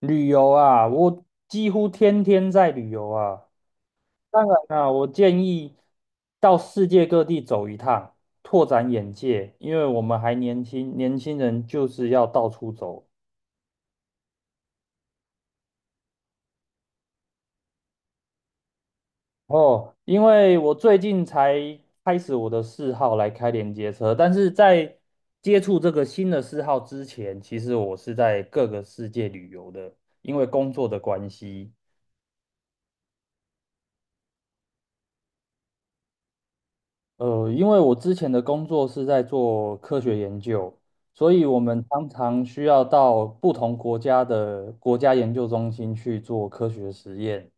旅游啊，我几乎天天在旅游啊。当然啊，我建议到世界各地走一趟，拓展眼界，因为我们还年轻，年轻人就是要到处走。哦，因为我最近才开始我的嗜好来开连接车，但是在接触这个新的嗜好之前，其实我是在各个世界旅游的，因为工作的关系。因为我之前的工作是在做科学研究，所以我们常常需要到不同国家的国家研究中心去做科学实验。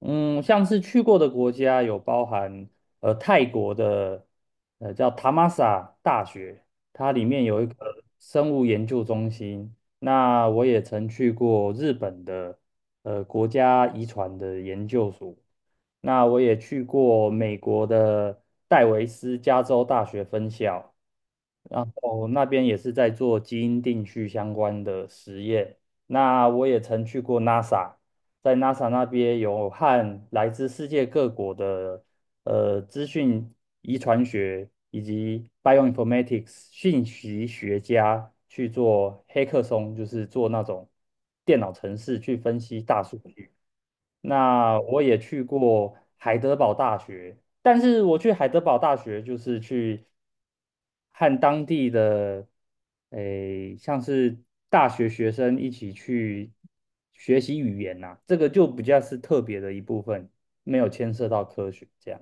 嗯，像是去过的国家有包含泰国的叫塔玛萨大学，它里面有一个生物研究中心。那我也曾去过日本的国家遗传的研究所，那我也去过美国的戴维斯加州大学分校。然后那边也是在做基因定序相关的实验。那我也曾去过 NASA，在 NASA 那边有和来自世界各国的资讯遗传学以及 bioinformatics 信息学家去做黑客松，就是做那种电脑程式去分析大数据。那我也去过海德堡大学，但是我去海德堡大学就是去和当地的诶，像是大学学生一起去学习语言呐、这个就比较是特别的一部分，没有牵涉到科学这样。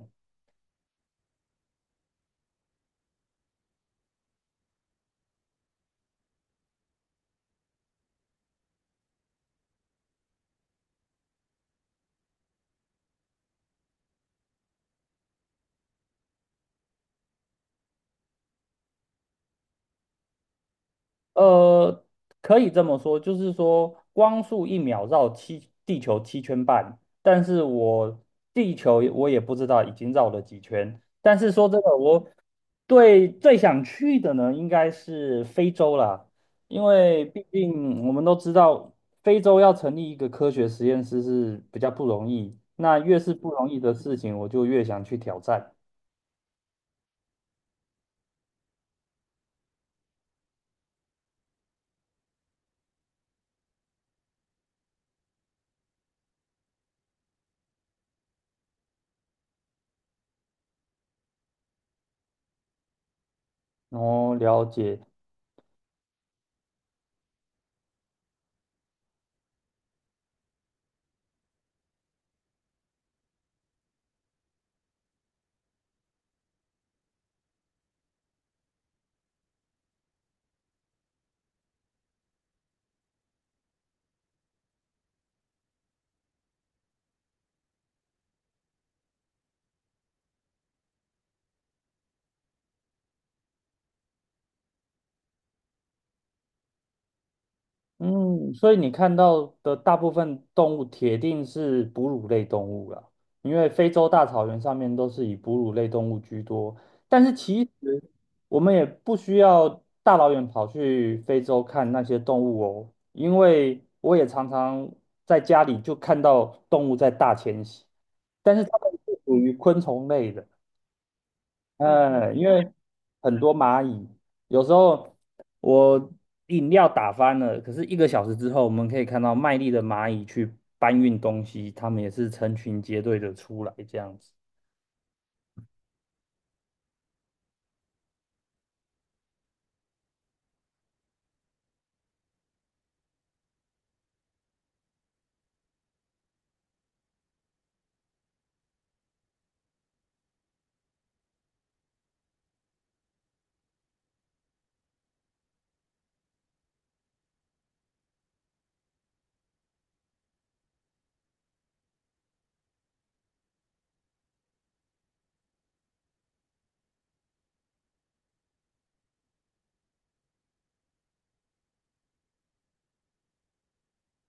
呃，可以这么说，就是说光速一秒绕七地球7圈半，但是我地球我也不知道已经绕了几圈。但是说真的，我对最想去的呢，应该是非洲啦，因为毕竟我们都知道，非洲要成立一个科学实验室是比较不容易。那越是不容易的事情，我就越想去挑战，然了解。嗯，所以你看到的大部分动物铁定是哺乳类动物了，因为非洲大草原上面都是以哺乳类动物居多。但是其实我们也不需要大老远跑去非洲看那些动物哦，因为我也常常在家里就看到动物在大迁徙，但是它们是属于昆虫类的。因为很多蚂蚁，有时候我饮料打翻了，可是1个小时之后，我们可以看到卖力的蚂蚁去搬运东西，它们也是成群结队的出来这样子。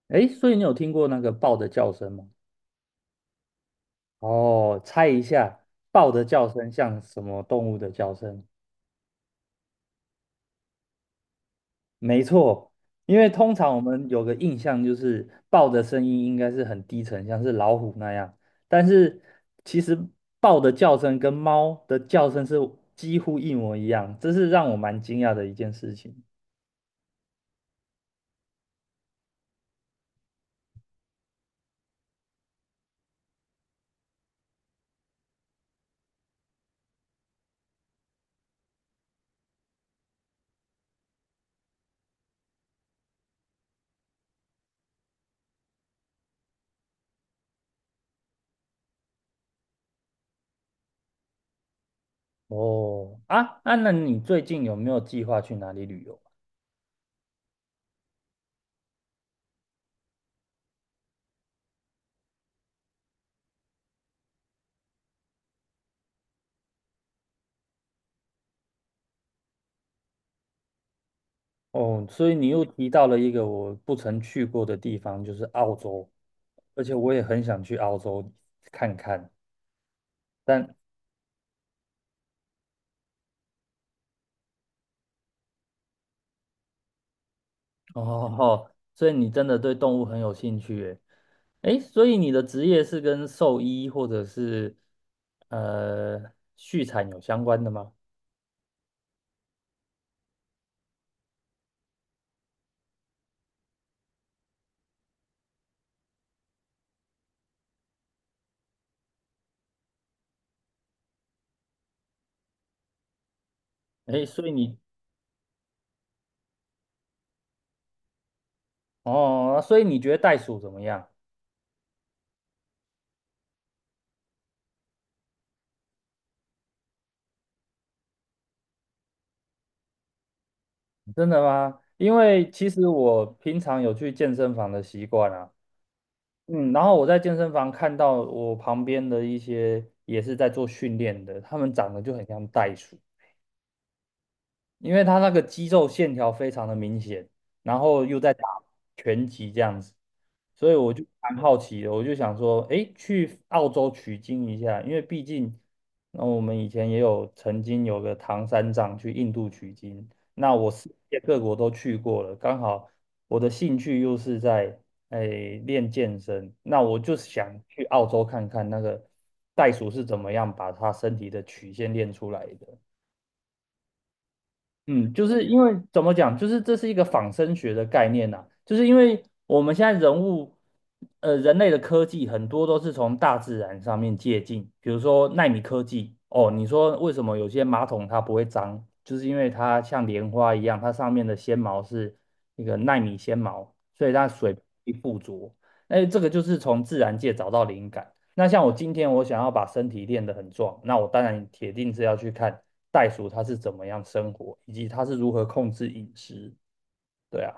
诶，所以你有听过那个豹的叫声吗？哦，猜一下，豹的叫声像什么动物的叫声？没错，因为通常我们有个印象就是豹的声音应该是很低沉，像是老虎那样，但是其实豹的叫声跟猫的叫声是几乎一模一样，这是让我蛮惊讶的一件事情。哦，啊，啊，那你最近有没有计划去哪里旅游？哦，所以你又提到了一个我不曾去过的地方，就是澳洲，而且我也很想去澳洲看看，但哦，所以你真的对动物很有兴趣耶。诶，所以你的职业是跟兽医或者是呃畜产有相关的吗？诶，所以你哦，所以你觉得袋鼠怎么样？真的吗？因为其实我平常有去健身房的习惯啊，嗯，然后我在健身房看到我旁边的一些也是在做训练的，他们长得就很像袋鼠，因为他那个肌肉线条非常的明显，然后又在打拳击这样子，所以我就蛮好奇的，我就想说，诶，去澳洲取经一下，因为毕竟，那我们以前也有曾经有个唐三藏去印度取经，那我世界各国都去过了，刚好我的兴趣又是在诶练健身，那我就想去澳洲看看那个袋鼠是怎么样把它身体的曲线练出来的。嗯，就是因为怎么讲，就是这是一个仿生学的概念呐、就是因为我们现在人物，人类的科技很多都是从大自然上面借鉴，比如说纳米科技，哦，你说为什么有些马桶它不会脏，就是因为它像莲花一样，它上面的纤毛是那个纳米纤毛，所以它水不易附着，哎，这个就是从自然界找到灵感。那像我今天我想要把身体练得很壮，那我当然铁定是要去看袋鼠它是怎么样生活，以及它是如何控制饮食。对啊，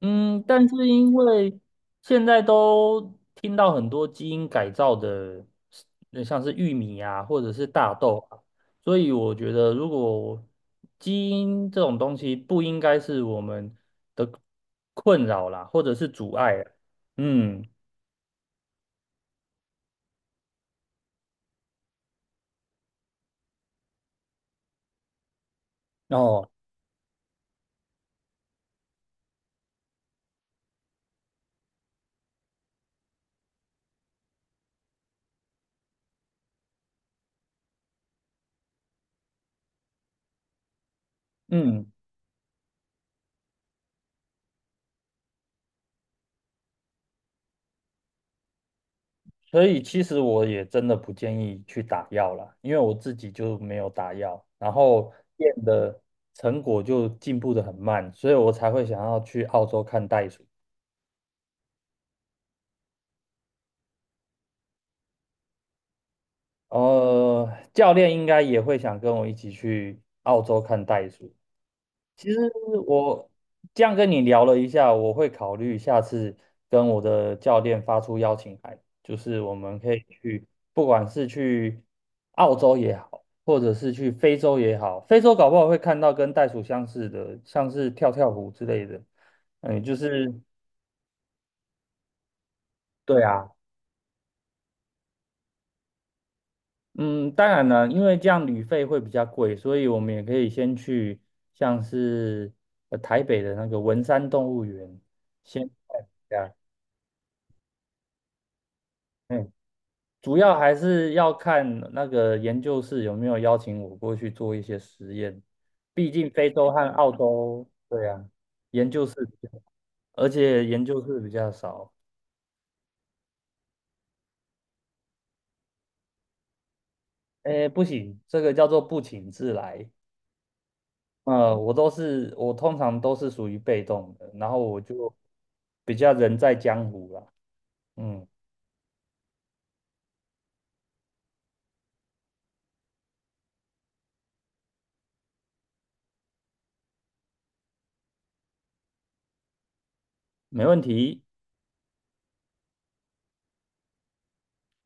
嗯，但是因为现在都听到很多基因改造的，像是玉米啊，或者是大豆啊，所以我觉得如果基因这种东西不应该是我们的困扰啦，或者是阻碍啦嗯，哦，嗯。所以其实我也真的不建议去打药了，因为我自己就没有打药，然后练的成果就进步的很慢，所以我才会想要去澳洲看袋鼠。呃，教练应该也会想跟我一起去澳洲看袋鼠，其实我这样跟你聊了一下，我会考虑下次跟我的教练发出邀请函，就是我们可以去，不管是去澳洲也好，或者是去非洲也好，非洲搞不好会看到跟袋鼠相似的，像是跳跳虎之类的。嗯，就是对啊，嗯，当然了，因为这样旅费会比较贵，所以我们也可以先去像是台北的那个文山动物园先看一下。嗯主要还是要看那个研究室有没有邀请我过去做一些实验，毕竟非洲和澳洲，对呀，研究室比较，而且研究室比较少。哎，不行，这个叫做不请自来。我都是，我通常都是属于被动的，然后我就比较人在江湖啦。嗯，没问题。